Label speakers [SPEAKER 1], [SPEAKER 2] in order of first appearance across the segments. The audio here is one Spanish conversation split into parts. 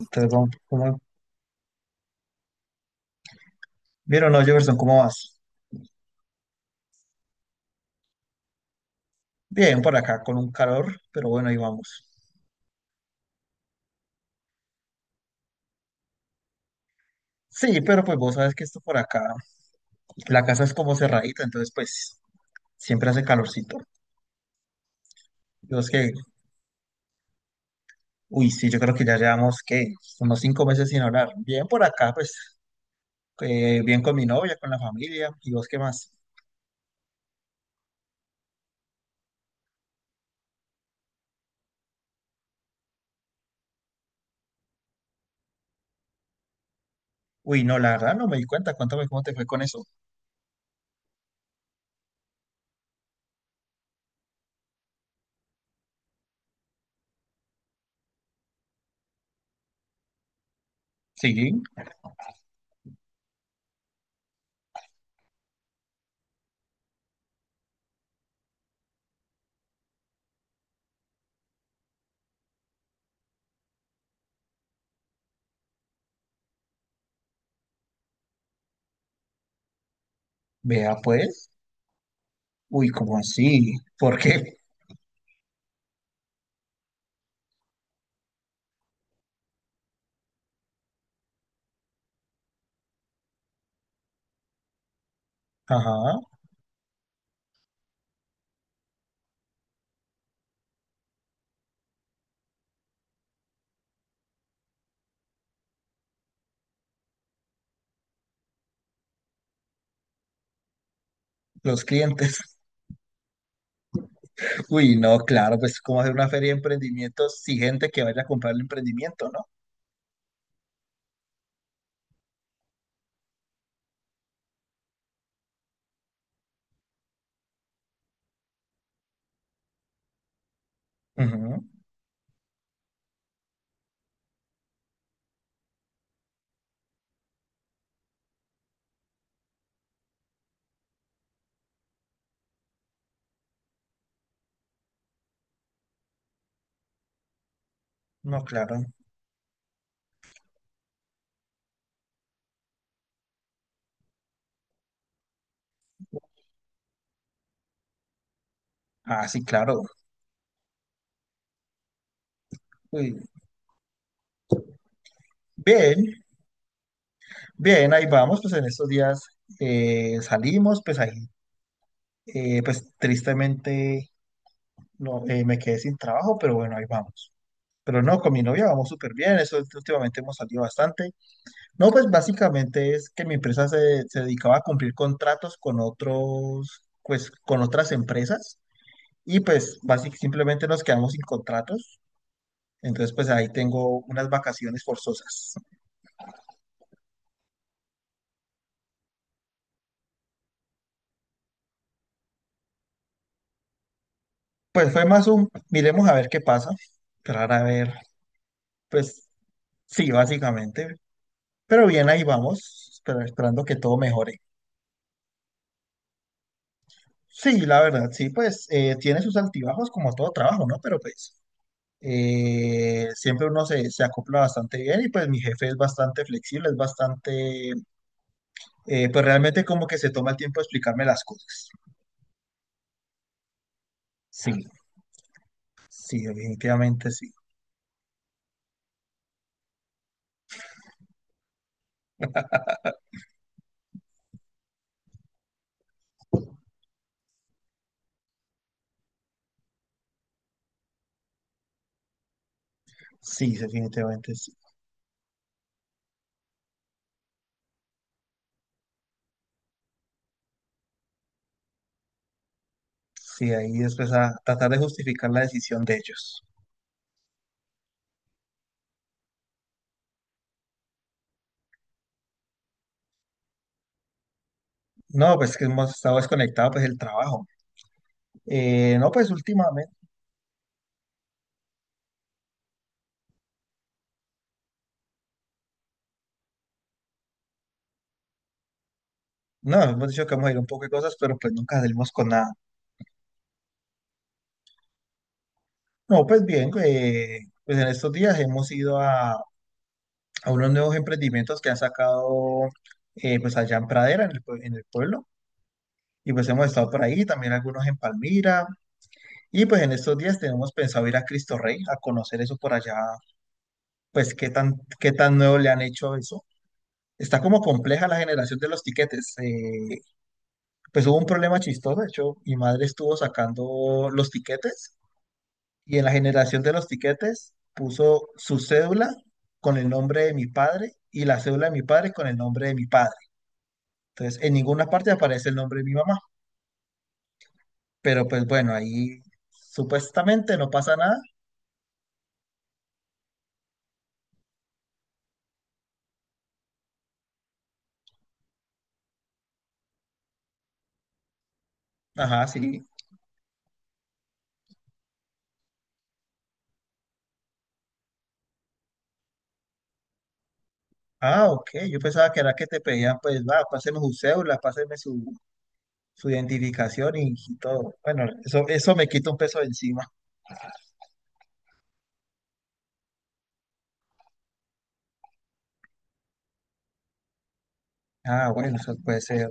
[SPEAKER 1] Entonces, vamos, ¿Bien o no, Jefferson? ¿Cómo vas? Bien, por acá, con un calor, pero bueno, ahí vamos. Sí, pero pues vos sabes que esto por acá, la casa es como cerradita, entonces pues siempre hace calorcito. Yo es que, uy, sí, yo creo que ya llevamos, ¿qué? Unos 5 meses sin hablar. Bien por acá, pues, bien con mi novia, con la familia, ¿y vos qué más? Uy, no, la verdad no me di cuenta, cuéntame cómo te fue con eso. Sí, vea pues. Uy, ¿cómo así? ¿Por qué? Ajá, los clientes. Uy, no, claro, pues cómo hacer una feria de emprendimientos sin gente que vaya a comprar el emprendimiento, ¿no? Ujú. No, claro. Ah, sí, claro. Uy, bien, bien, ahí vamos, pues en estos días salimos, pues ahí, pues tristemente no, me quedé sin trabajo, pero bueno, ahí vamos. Pero no, con mi novia vamos súper bien, eso últimamente hemos salido bastante. No, pues básicamente es que mi empresa se dedicaba a cumplir contratos con otros, pues con otras empresas. Y pues básicamente simplemente nos quedamos sin contratos. Entonces pues ahí tengo unas vacaciones forzosas. Pues fue más un, miremos a ver qué pasa. Esperar a ver, pues sí, básicamente. Pero bien, ahí vamos, esperando que todo mejore. Sí, la verdad, sí, pues tiene sus altibajos como todo trabajo, ¿no? Pero pues siempre uno se, se acopla bastante bien y pues mi jefe es bastante flexible, es bastante, pues realmente como que se toma el tiempo de explicarme las cosas. Sí, sí, definitivamente sí. Sí, sí, definitivamente. Sí, sí, ahí después a tratar de justificar la decisión de ellos. No, pues que hemos estado desconectados, pues el trabajo. No, pues últimamente, no, hemos dicho que vamos a ir a un poco de cosas, pero pues nunca salimos con nada. No, pues bien, pues en estos días hemos ido a unos nuevos emprendimientos que han sacado pues allá en Pradera, en en el pueblo. Y pues hemos estado por ahí, también algunos en Palmira. Y pues en estos días tenemos pensado ir a Cristo Rey a conocer eso por allá pues qué tan nuevo le han hecho eso. Está como compleja la generación de los tiquetes. Pues hubo un problema chistoso, de hecho, mi madre estuvo sacando los tiquetes y en la generación de los tiquetes puso su cédula con el nombre de mi padre y la cédula de mi padre con el nombre de mi padre. Entonces, en ninguna parte aparece el nombre de mi mamá, pero pues bueno, ahí supuestamente no pasa nada. Ajá, sí. Ah, ok. Yo pensaba que era que te pedían, pues, va, páseme su cédula, páseme su, su identificación y todo. Bueno, eso me quita un peso de encima. Ah, bueno, eso puede ser.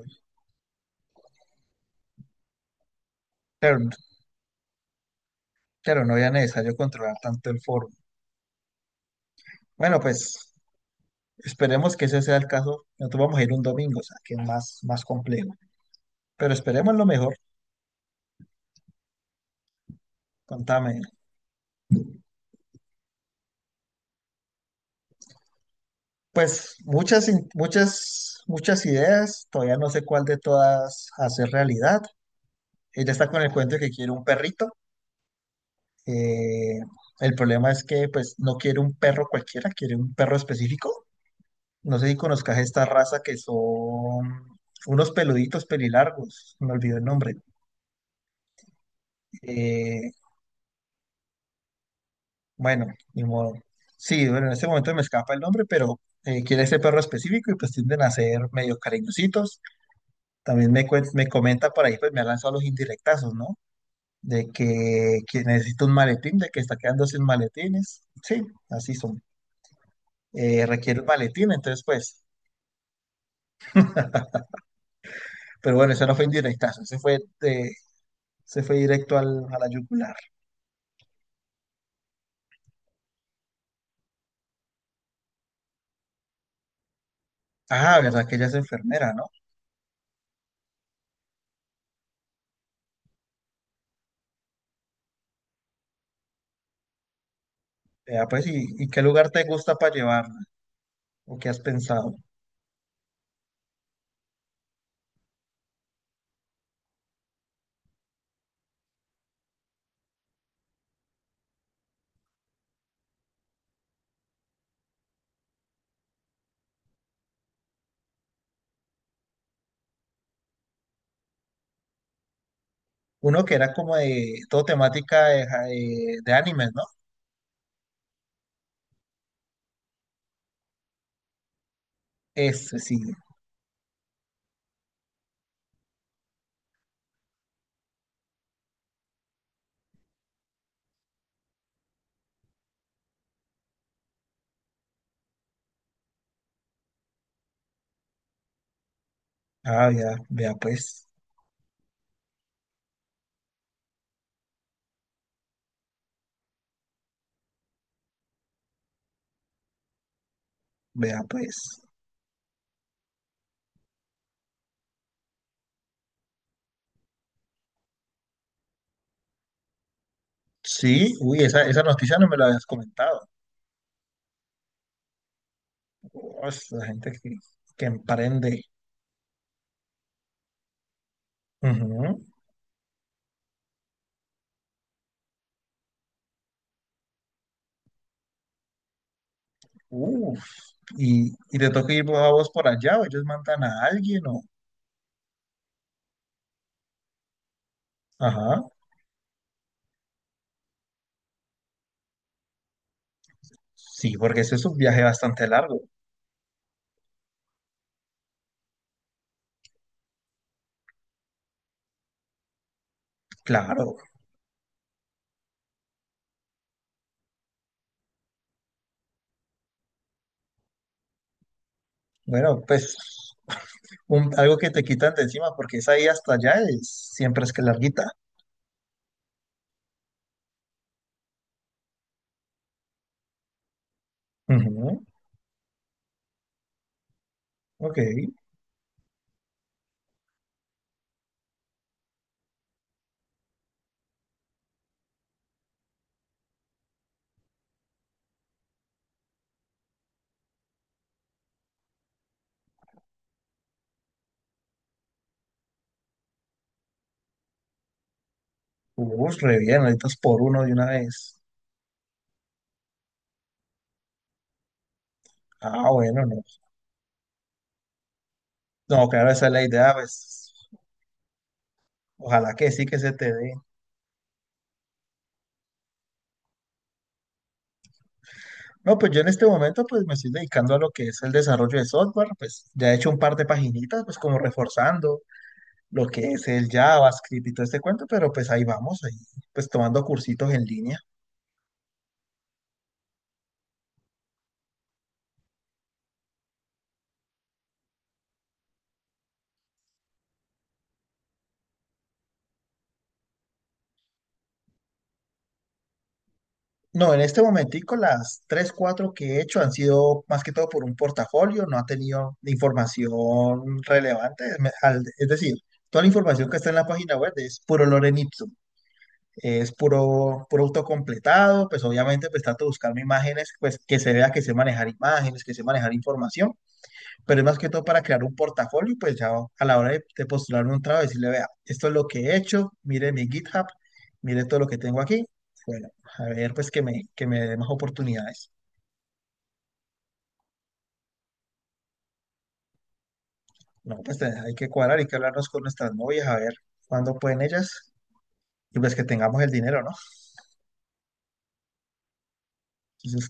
[SPEAKER 1] Pero, pero no era necesario controlar tanto el foro. Bueno, pues esperemos que ese sea el caso. Nosotros vamos a ir un domingo, o sea, que es más, más complejo. Pero esperemos lo mejor. Contame. Pues muchas, muchas ideas. Todavía no sé cuál de todas hacer realidad. Ella está con el cuento de que quiere un perrito. Eh, el problema es que pues no quiere un perro cualquiera, quiere un perro específico. No sé si conozcas esta raza que son unos peluditos pelilargos. Me olvidó el nombre. Eh, bueno, ni modo. Sí, bueno, en este momento me escapa el nombre, pero quiere ese perro específico y pues tienden a ser medio cariñositos. También me comenta por ahí, pues me ha lanzado los indirectazos, ¿no? De que necesita un maletín, de que está quedando sin maletines. Sí, así son. Requiere un maletín, entonces pues. Pero bueno, eso no fue indirectazo, ese fue directo al, a la yugular. Ah, verdad que ella es enfermera, ¿no? Ya, pues, y qué lugar te gusta para llevarla? ¿O qué has pensado? Uno que era como de todo temática de animes, ¿no? Ese sí. Ah, ya, vea pues, vea pues. Sí, uy, esa noticia no me la habías comentado. Uf, la gente que emprende. Ujú. Uf, y te toca ir vos a vos por allá, o ellos mandan a alguien, o. Ajá. Sí, porque ese es un viaje bastante largo. Claro. Bueno, pues. Un- algo que te quitan de encima, porque esa ahí hasta allá es, siempre es que larguita. Ujú. Ok. Uf, re bien, ahorita es por uno de una vez. Ah, bueno, no. No, claro, esa es la idea, pues ojalá que sí que se te dé. No, pues yo en este momento pues me estoy dedicando a lo que es el desarrollo de software, pues ya he hecho un par de paginitas, pues como reforzando lo que es el JavaScript y todo este cuento, pero pues ahí vamos, ahí pues tomando cursitos en línea. No, en este momentico las tres, cuatro que he hecho han sido más que todo por un portafolio, no ha tenido información relevante. Es decir, toda la información que está en la página web es puro lorem ipsum, es puro, puro autocompletado, pues obviamente pues trato de buscarme imágenes, pues que se vea que sé manejar imágenes, que sé manejar información, pero es más que todo para crear un portafolio, pues ya a la hora de postularme un trabajo, decirle, vea, esto es lo que he hecho, mire mi GitHub, mire todo lo que tengo aquí, bueno, a ver, pues que me dé más oportunidades. No, pues hay que cuadrar, hay que hablarnos con nuestras novias, a ver cuándo pueden ellas, y pues que tengamos el dinero, ¿no? Entonces,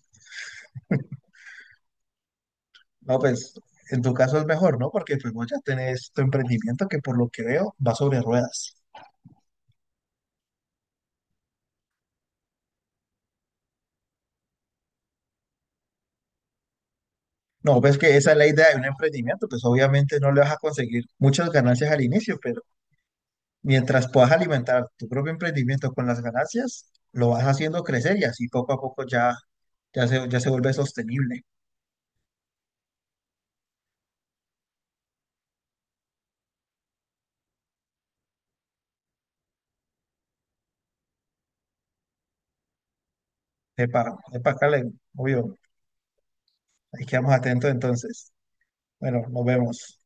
[SPEAKER 1] no, pues en tu caso es mejor, ¿no? Porque pues vos ya tenés tu emprendimiento que por lo que veo va sobre ruedas. No, pues que esa es la idea de un emprendimiento, pues obviamente no le vas a conseguir muchas ganancias al inicio, pero mientras puedas alimentar tu propio emprendimiento con las ganancias, lo vas haciendo crecer y así poco a poco ya, ya se vuelve sostenible. Epa, epa, Cale, obvio, ahí quedamos atentos entonces. Bueno, nos vemos.